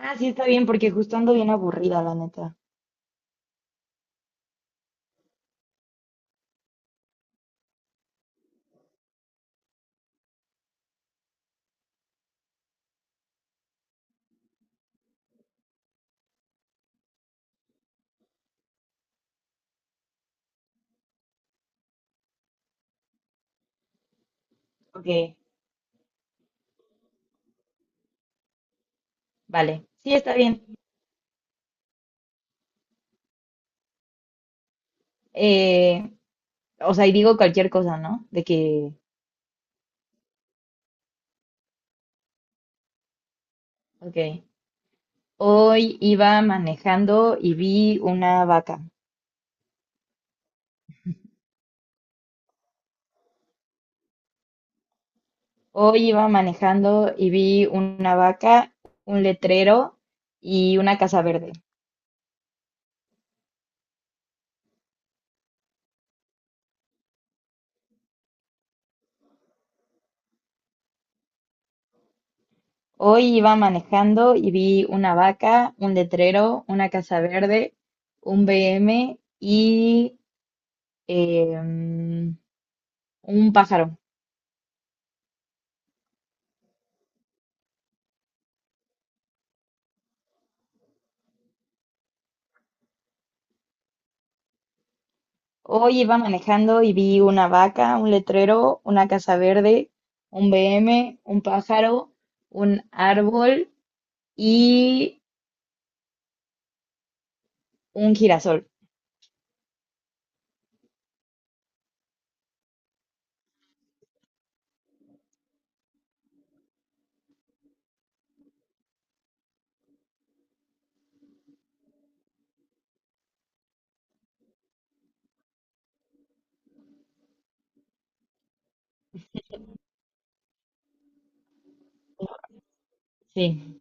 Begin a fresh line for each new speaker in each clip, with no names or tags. Ah, sí, está bien, porque justo ando bien aburrida, la neta. Ok, vale. Sí, está bien. Eh, o sea, y digo cualquier cosa, ¿no? Ok. Hoy iba manejando y vi una vaca. Hoy iba manejando y vi una vaca, un letrero y una casa verde. Hoy iba manejando y vi una vaca, un letrero, una casa verde, un BM y em, un pájaro. Hoy iba manejando y vi una vaca, un letrero, una casa verde, un BM, un pájaro, un árbol y un girasol. Sí.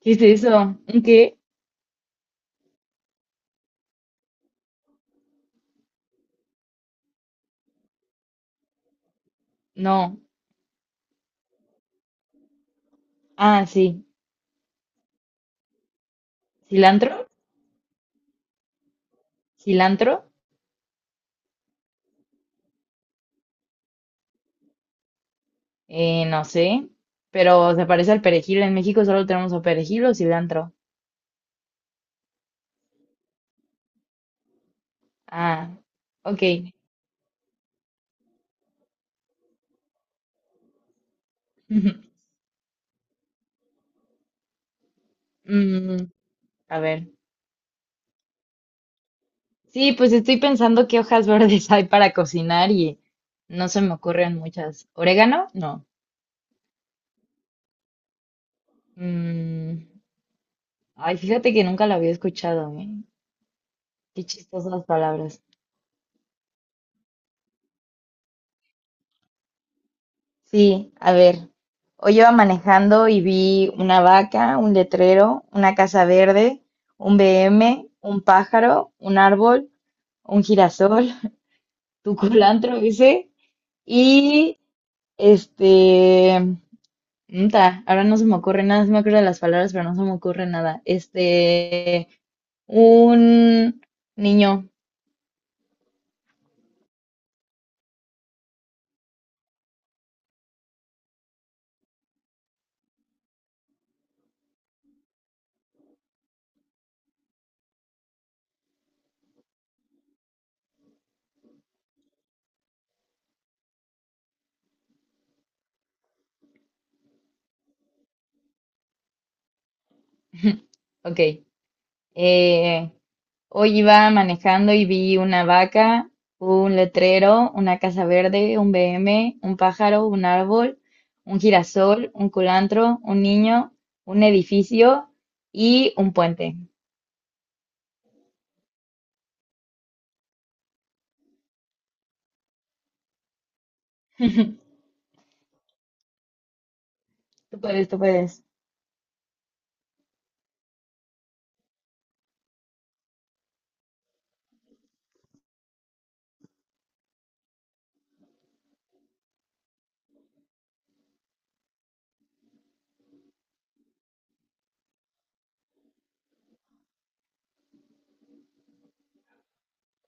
¿Qué es eso? ¿Un qué? No. Ah, sí. ¿Cilantro? ¿Cilantro? No sé. Pero se parece al perejil. En México solo tenemos o perejil o cilantro. Ah, ok. Mm, a ver. Sí, pues estoy pensando qué hojas verdes hay para cocinar y no se me ocurren muchas. ¿Orégano? No. Mm, ay, fíjate que nunca la había escuchado, ¿eh? Qué chistosas palabras. Sí, a ver. Hoy iba manejando y vi una vaca, un letrero, una casa verde, un BM, un pájaro, un árbol, un girasol, tu culantro ese, y este, ahora no se me ocurre nada, sí me acuerdo de las palabras, pero no se me ocurre nada. Un niño, ok, eh, hoy iba manejando y vi una vaca, un letrero, una casa verde, un BM, un pájaro, un árbol, un girasol, un culantro, un niño, un edificio y un puente. Tú puedes, tú puedes.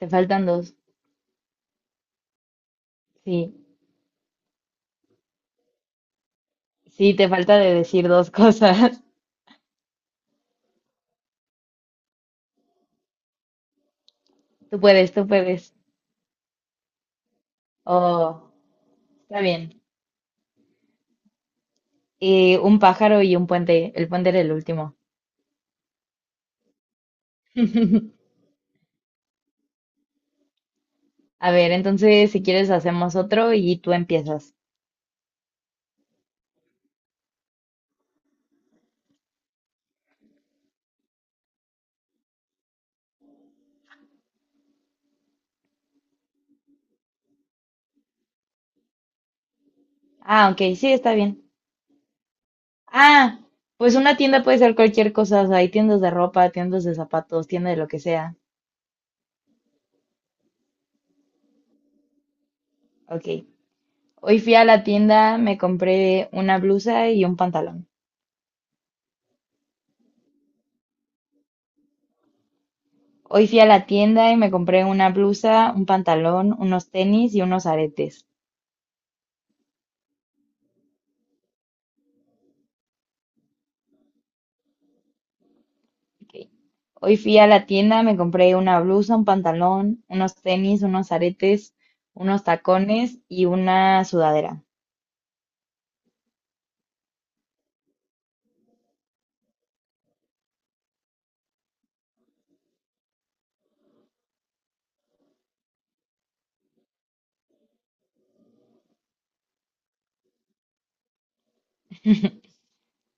Te faltan dos. Sí, sí, te falta de decir dos cosas. Tú puedes, tú puedes. Oh, está bien. Y un pájaro y un puente. El puente era el último. A ver, entonces si quieres hacemos otro y tú empiezas. Ah, ok, sí, está bien. Ah, pues una tienda puede ser cualquier cosa. O sea, hay tiendas de ropa, tiendas de zapatos, tienda de lo que sea. Ok. Hoy fui a la tienda, me compré una blusa y un pantalón. Hoy fui a la tienda y me compré una blusa, un pantalón, unos tenis y unos aretes. Ok. Hoy fui a la tienda, me compré una blusa, un pantalón, unos tenis, unos aretes, unos tacones y una sudadera.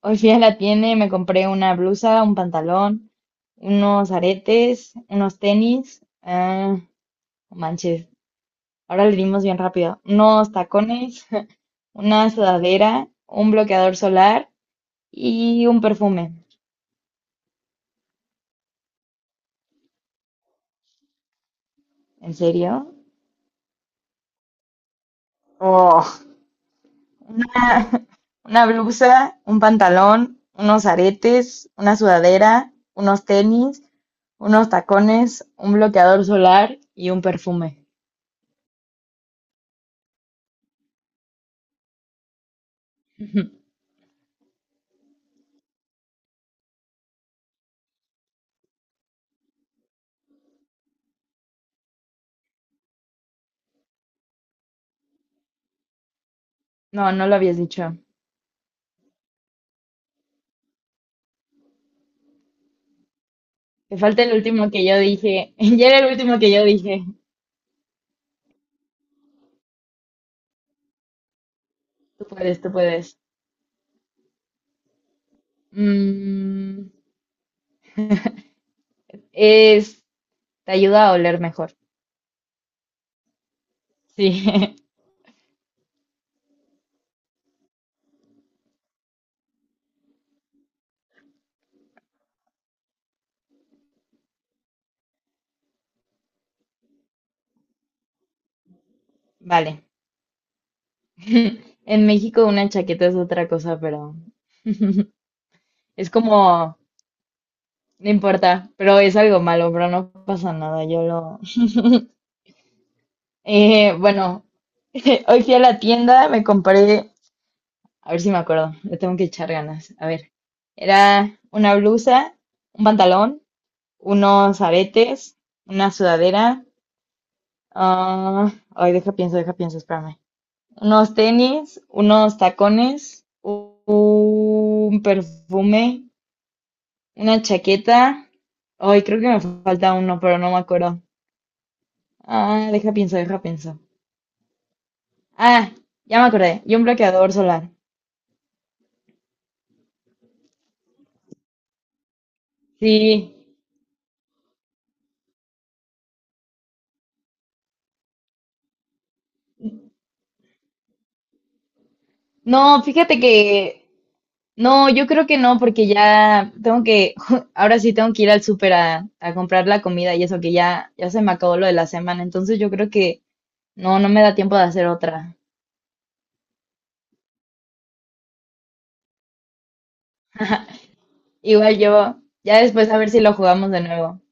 Hoy fui a la tienda y me compré una blusa, un pantalón, unos aretes, unos tenis. Ah, no manches, ahora le dimos bien rápido. Unos tacones, una sudadera, un bloqueador solar y un perfume. ¿En serio? Una, una blusa, un pantalón, unos aretes, una sudadera, unos tenis, unos tacones, un bloqueador solar y un perfume. No, no lo habías dicho. Te falta el último que yo dije. Ya era el último que yo dije. Tú puedes, tú puedes. Mm, es, te ayuda a oler mejor. Sí, vale. En México una chaqueta es otra cosa, pero es como. No importa, pero es algo malo, pero no pasa nada, yo lo... Bueno, hoy fui a la tienda, me compré, a ver si me acuerdo, le tengo que echar ganas, a ver, era una blusa, un pantalón, unos aretes, una sudadera, ah, ay, deja pienso, espérame, unos tenis, unos tacones, un perfume, una chaqueta, ay, creo que me falta uno, pero no me acuerdo. Ah, deja pienso, deja pienso. Ah, ya me acordé. Y un bloqueador solar. Sí. No, fíjate que. No, yo creo que no, porque ya tengo que. Ahora sí tengo que ir al súper a comprar la comida y eso, que ya, ya se me acabó lo de la semana. Entonces yo creo que no, no me da tiempo de hacer otra. Igual yo. Ya después a ver si lo jugamos de nuevo.